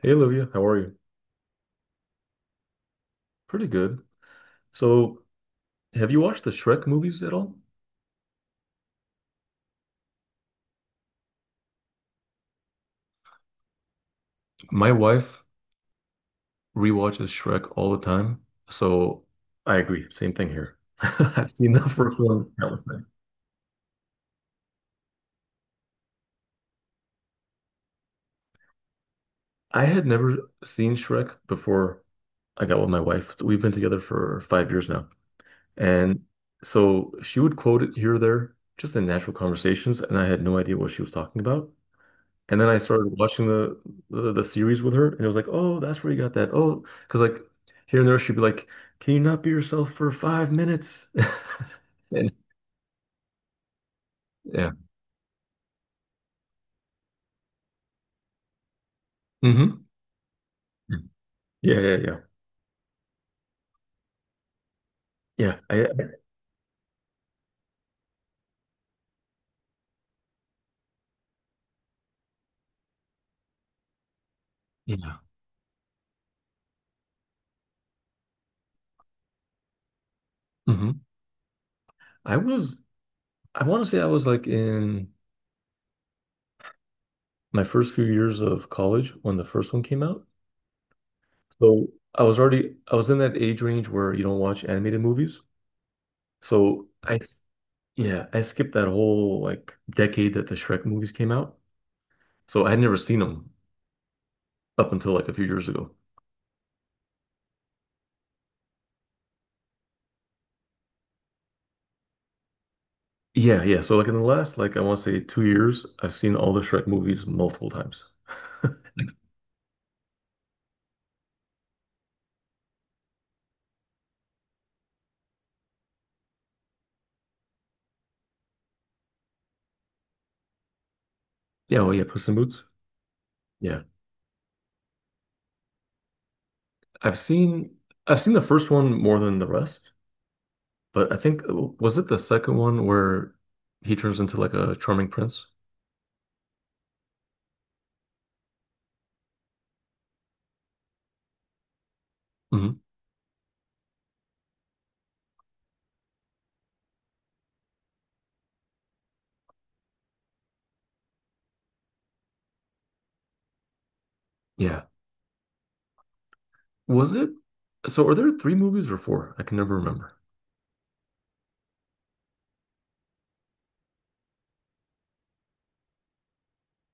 Hey Olivia, how are you? Pretty good. So, have you watched the Shrek movies at all? My wife rewatches Shrek all the time, so I agree. Same thing here. I've seen the first one countless times. I had never seen Shrek before I got with my wife. We've been together for 5 years now, and so she would quote it here or there, just in natural conversations, and I had no idea what she was talking about. And then I started watching the series with her, and it was like, oh, that's where you got that. Oh, because like here and there, she'd be like, "Can you not be yourself for 5 minutes?" And yeah, hmm yeah, yeah, yeah, yeah. I yeah, hmm I was I want to say I was like in my first few years of college when the first one came out. So I was in that age range where you don't watch animated movies. So yeah, I skipped that whole like decade that the Shrek movies came out. So I had never seen them up until like a few years ago. Yeah, yeah. So like in the last like I want to say 2 years, I've seen all the Shrek movies multiple times. Yeah, oh yeah, Puss in Boots. Yeah. I've seen I've seen the first one more than the rest, but I think was it the second one where he turns into like a charming prince? hmm Yeah. Was it? So are there three movies or four? I can never remember.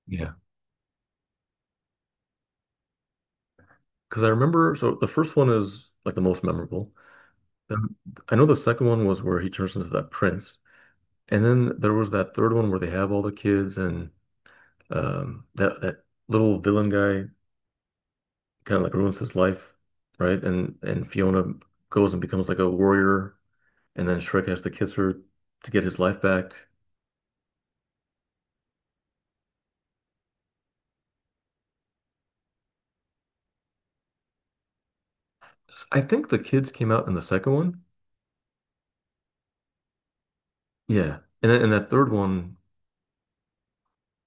Yeah. Because I remember so the first one is like the most memorable. Then I know the second one was where he turns into that prince. And then there was that third one where they have all the kids and that little villain guy kind of like ruins his life, right? And Fiona goes and becomes like a warrior and then Shrek has to kiss her to get his life back. S- I think the kids came out in the second one. Yeah. And then in that third one,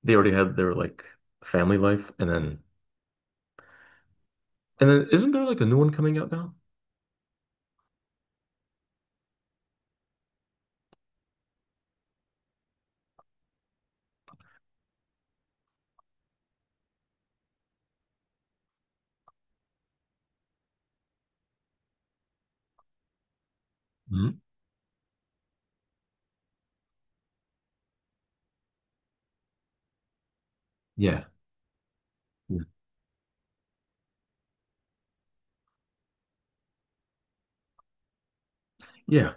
they already had their like family life, and then isn't there like a new one coming out now? hmm Yeah. Yeah. Yeah.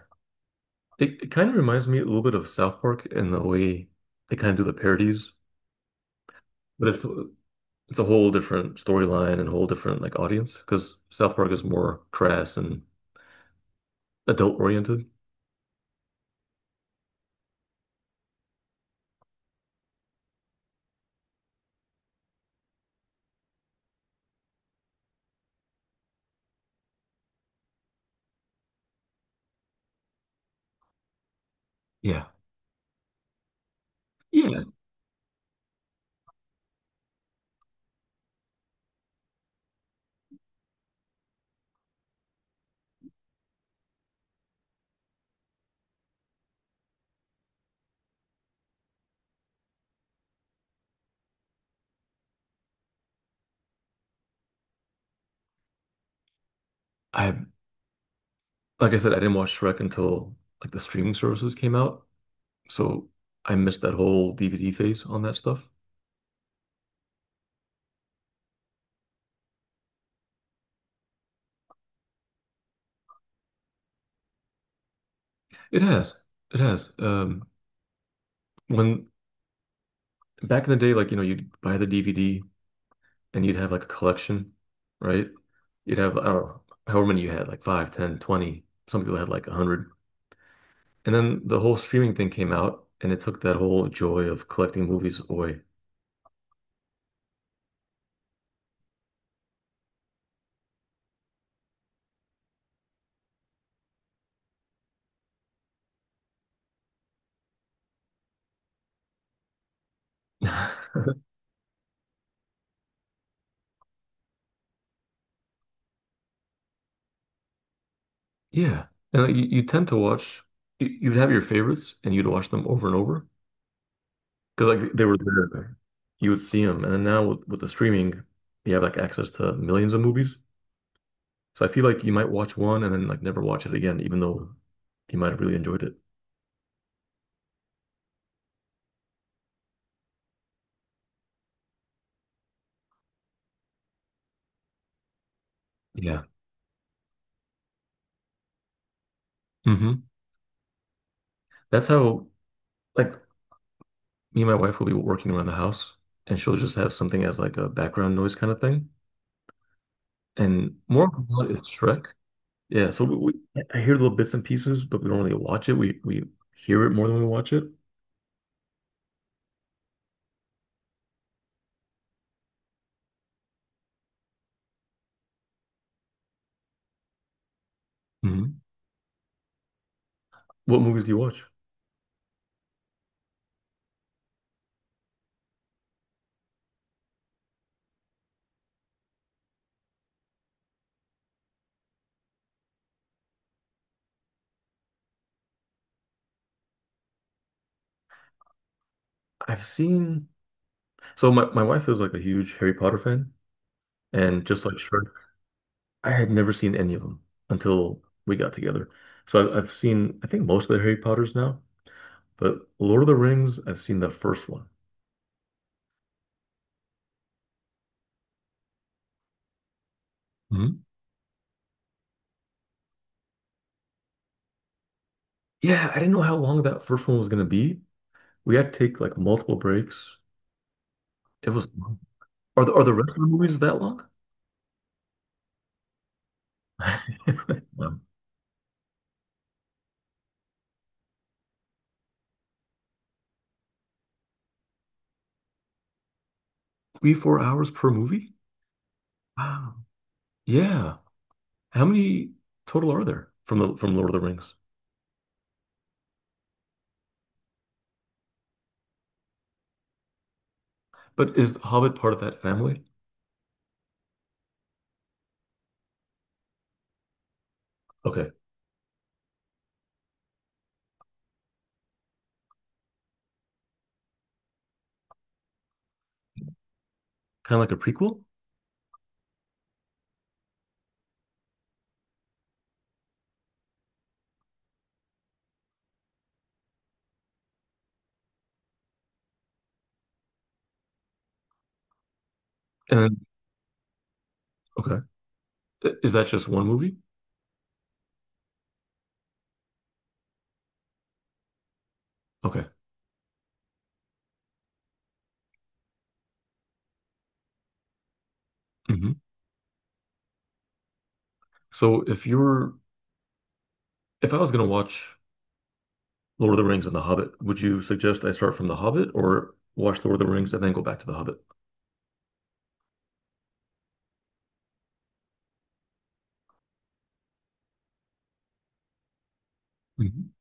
It kind of reminds me a little bit of South Park in the way they kind of do the parodies. But it's a whole different storyline and a whole different like audience because South Park is more crass and adult oriented. Yeah. Yeah, I like I said, I didn't watch Shrek until like the streaming services came out, so I missed that whole DVD phase on that stuff. It has, it has. When back in the day, like you know, you'd buy the DVD and you'd have like a collection, right? You'd have I don't know however many you had, like five, ten, 20. Some people had like a hundred. And then the whole streaming thing came out, and it took that whole joy of collecting movies away. Yeah. And like, you tend to watch, you'd have your favorites, and you'd watch them over and over because like they were there. You would see them, and then now with the streaming, you have like access to millions of movies. So I feel like you might watch one and then like never watch it again, even though you might have really enjoyed it. Yeah. hmm That's how like me and my wife will be working around the house, and she'll just have something as like a background noise kind of thing. And Mortal Kombat is Shrek. Yeah, so we I hear little bits and pieces, but we don't really watch it. We hear it more than we watch it. hmm What movies do you watch? I've seen so my wife is like a huge Harry Potter fan, and just like Shrek, I had never seen any of them until we got together. So I've seen I think most of the Harry Potters now, but Lord of the Rings, I've seen the first one. Mhm. Yeah, I didn't know how long that first one was gonna be. We had to take like multiple breaks. It was long. Are the rest of the movies that long? Um, three, 4 hours per movie? Wow. Yeah. How many total are there from Lord of the Rings? But is The Hobbit part of that family? Okay. Kind of like a prequel? And then, okay. I- Is that just one movie? Okay. hmm So if I was going to watch Lord of the Rings and The Hobbit, would you suggest I start from The Hobbit or watch Lord of the Rings and then go back to The Hobbit? Mhm.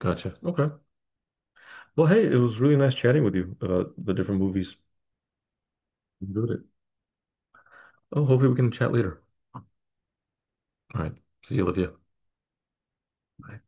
Gotcha. Okay. Well, hey, it was really nice chatting with you about the different movies. Enjoyed it. Oh, hopefully we can chat later. All right. See you, Olivia. Bye.